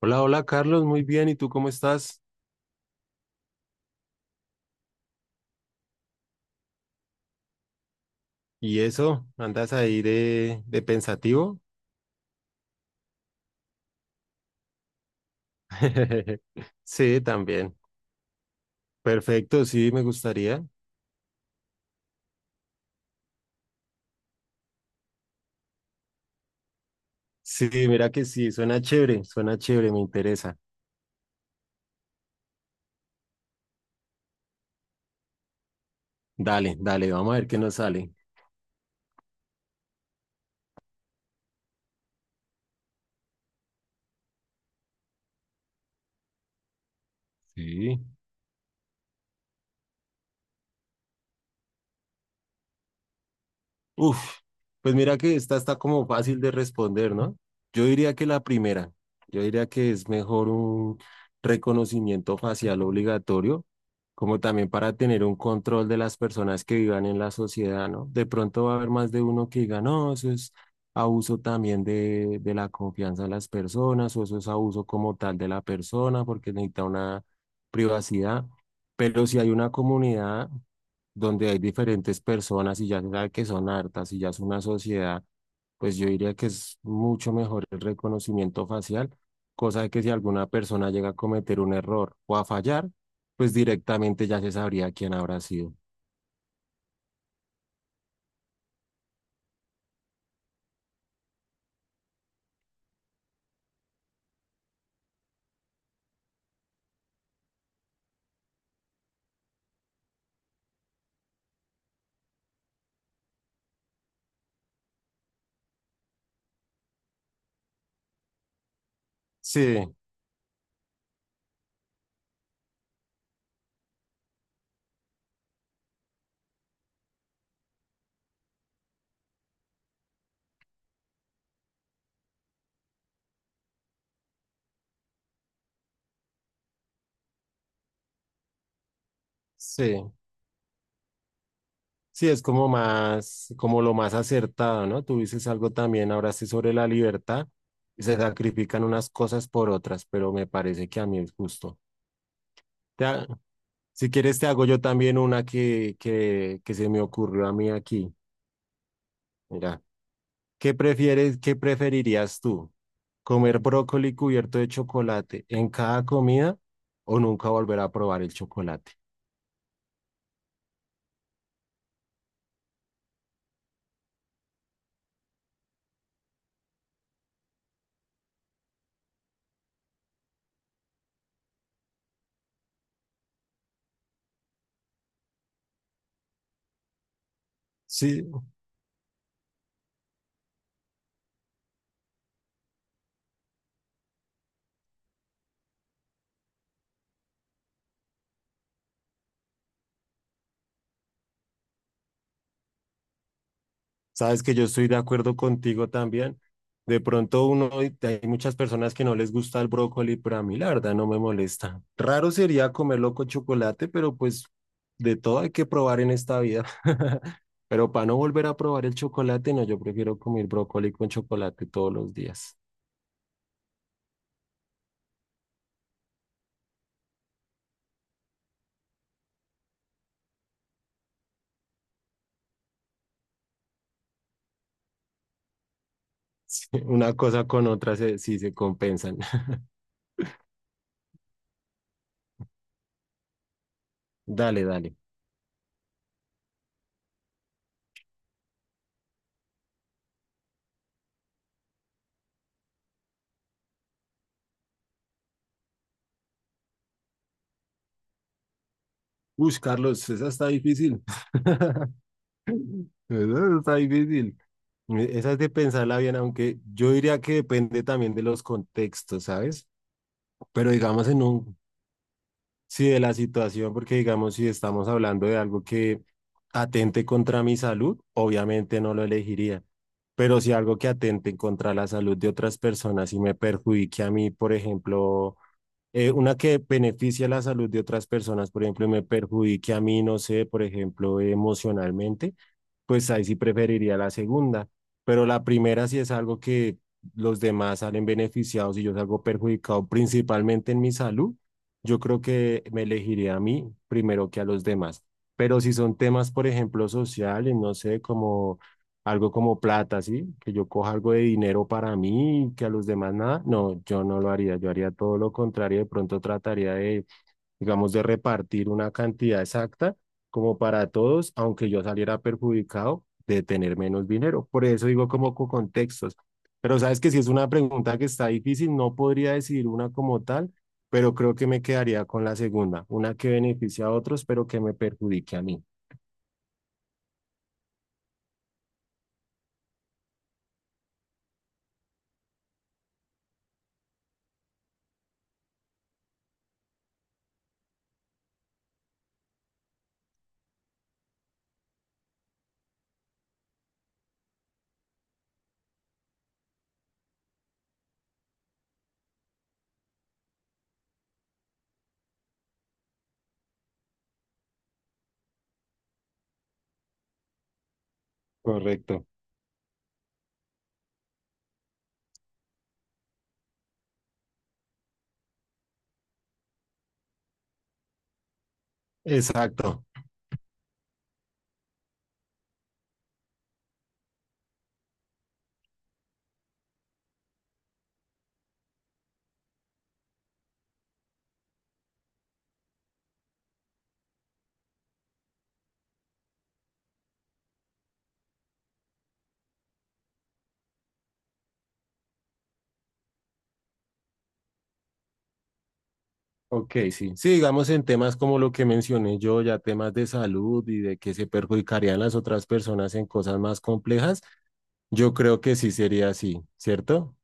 Hola, hola Carlos, muy bien. ¿Y tú cómo estás? ¿Y eso? ¿Andas ahí de pensativo? Sí, también. Perfecto, sí, me gustaría. Sí, mira que sí, suena chévere, me interesa. Dale, dale, vamos a ver qué nos sale. Sí. Uf, pues mira que esta está como fácil de responder, ¿no? Yo diría que la primera, yo diría que es mejor un reconocimiento facial obligatorio, como también para tener un control de las personas que vivan en la sociedad, ¿no? De pronto va a haber más de uno que diga, no, eso es abuso también de la confianza de las personas, o eso es abuso como tal de la persona, porque necesita una privacidad. Pero si hay una comunidad donde hay diferentes personas y ya se sabe que son hartas y ya es una sociedad, pues yo diría que es mucho mejor el reconocimiento facial, cosa de que si alguna persona llega a cometer un error o a fallar, pues directamente ya se sabría quién habrá sido. Sí, sí, sí, es como más, como lo más acertado, ¿no? Tú dices algo también, ahora sí sobre la libertad, se sacrifican unas cosas por otras, pero me parece que a mí es justo. Si quieres, te hago yo también una que se me ocurrió a mí aquí. Mira, ¿qué prefieres, qué preferirías tú? ¿Comer brócoli cubierto de chocolate en cada comida o nunca volver a probar el chocolate? Sí. Sabes que yo estoy de acuerdo contigo también. De pronto uno, hay muchas personas que no les gusta el brócoli, pero a mí la verdad no me molesta. Raro sería comerlo con chocolate, pero pues de todo hay que probar en esta vida. Pero para no volver a probar el chocolate, no, yo prefiero comer brócoli con chocolate todos los días. Sí, una cosa con otra se, sí se compensan. Dale, dale. Uy, Carlos, esa está difícil. Esa está difícil. Esa es de pensarla bien, aunque yo diría que depende también de los contextos, ¿sabes? Pero digamos en un, sí, de la situación, porque digamos si estamos hablando de algo que atente contra mi salud, obviamente no lo elegiría. Pero si algo que atente contra la salud de otras personas y me perjudique a mí, por ejemplo, una que beneficia la salud de otras personas, por ejemplo, y me perjudique a mí, no sé, por ejemplo, emocionalmente, pues ahí sí preferiría la segunda, pero la primera sí es algo que los demás salen beneficiados y yo salgo perjudicado principalmente en mi salud, yo creo que me elegiría a mí primero que a los demás. Pero si son temas, por ejemplo, sociales, no sé, como algo como plata, ¿sí? Que yo coja algo de dinero para mí y que a los demás nada, no, yo no lo haría, yo haría todo lo contrario, de pronto trataría de, digamos, de repartir una cantidad exacta como para todos, aunque yo saliera perjudicado de tener menos dinero. Por eso digo como con contextos. Pero sabes que si es una pregunta que está difícil, no podría decidir una como tal, pero creo que me quedaría con la segunda, una que beneficia a otros, pero que me perjudique a mí. Correcto. Exacto. Ok, sí. Sí, digamos en temas como lo que mencioné yo, ya temas de salud y de que se perjudicarían las otras personas en cosas más complejas, yo creo que sí sería así, ¿cierto?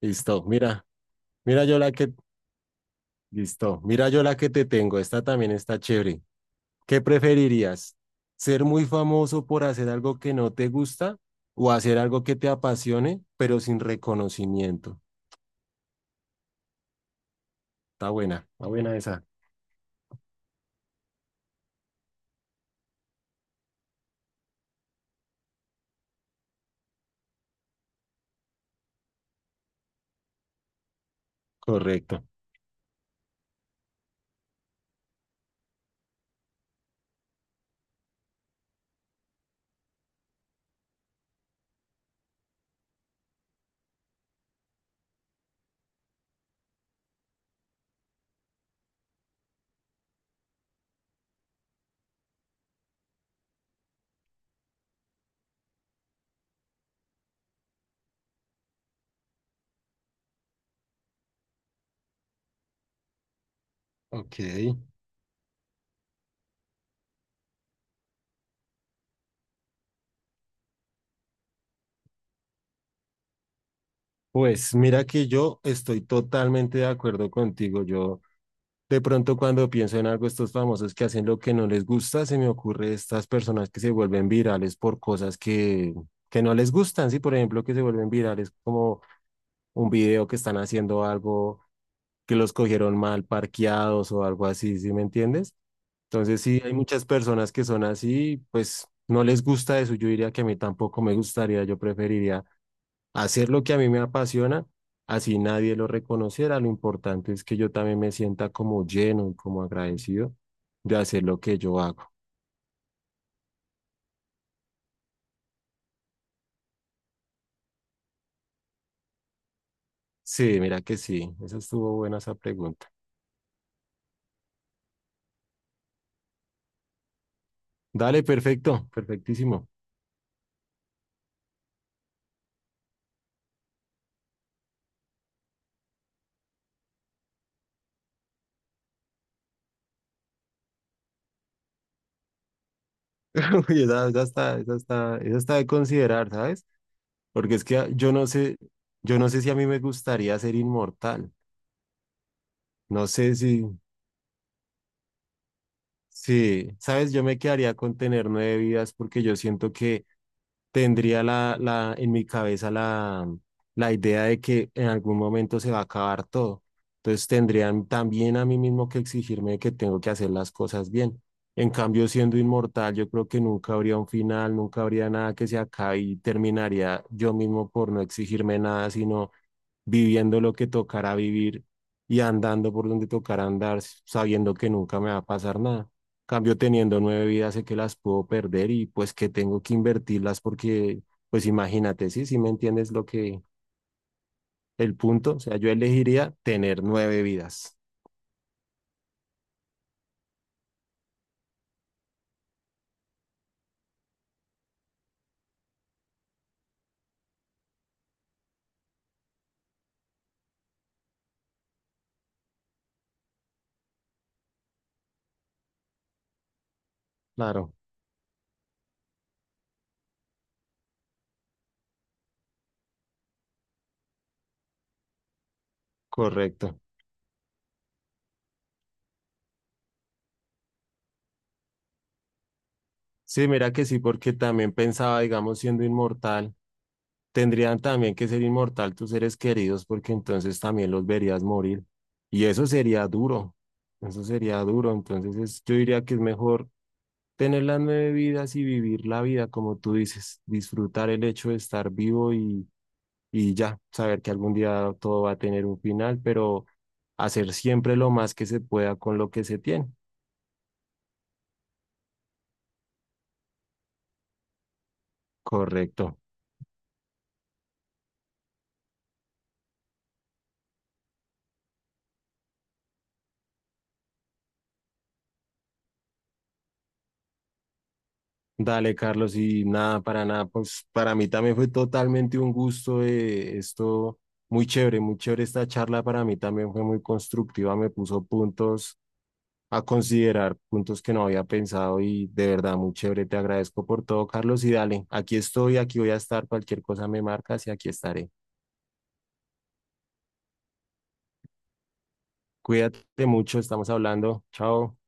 Listo, mira, mira yo la que, listo, mira yo la que te tengo, esta también está chévere. ¿Qué preferirías? ¿Ser muy famoso por hacer algo que no te gusta o hacer algo que te apasione, pero sin reconocimiento? Está buena esa. Correcto. Ok. Pues mira que yo estoy totalmente de acuerdo contigo. Yo, de pronto cuando pienso en algo, estos famosos que hacen lo que no les gusta, se me ocurre estas personas que se vuelven virales por cosas que no les gustan, sí, por ejemplo, que se vuelven virales como un video que están haciendo algo que los cogieron mal parqueados o algo así, ¿sí me entiendes? Entonces sí, hay muchas personas que son así, pues no les gusta eso, yo diría que a mí tampoco me gustaría, yo preferiría hacer lo que a mí me apasiona, así nadie lo reconociera. Lo importante es que yo también me sienta como lleno y como agradecido de hacer lo que yo hago. Sí, mira que sí, esa estuvo buena esa pregunta. Dale, perfecto, perfectísimo. Uy, esa está, esa está, esa está de considerar, ¿sabes? Porque es que ah, yo no sé si a mí me gustaría ser inmortal. No sé si, sí, sabes, yo me quedaría con tener nueve vidas porque yo siento que tendría en mi cabeza la idea de que en algún momento se va a acabar todo. Entonces tendrían también a mí mismo que exigirme que tengo que hacer las cosas bien. En cambio, siendo inmortal, yo creo que nunca habría un final, nunca habría nada que se acabe y terminaría yo mismo por no exigirme nada, sino viviendo lo que tocará vivir y andando por donde tocará andar, sabiendo que nunca me va a pasar nada. Cambio teniendo nueve vidas, sé que las puedo perder y pues que tengo que invertirlas porque, pues imagínate, sí, sí me entiendes lo que, el punto, o sea, yo elegiría tener nueve vidas. Claro, correcto. Sí, mira que sí, porque también pensaba, digamos, siendo inmortal, tendrían también que ser inmortal tus seres queridos, porque entonces también los verías morir. Y eso sería duro, eso sería duro. Entonces yo diría que es mejor tener las nueve vidas y vivir la vida, como tú dices, disfrutar el hecho de estar vivo y ya, saber que algún día todo va a tener un final, pero hacer siempre lo más que se pueda con lo que se tiene. Correcto. Dale, Carlos, y nada, para nada, pues para mí también fue totalmente un gusto, esto, muy chévere esta charla, para mí también fue muy constructiva, me puso puntos a considerar, puntos que no había pensado y de verdad muy chévere, te agradezco por todo, Carlos, y dale, aquí estoy, aquí voy a estar, cualquier cosa me marcas y aquí estaré. Cuídate mucho, estamos hablando, chao.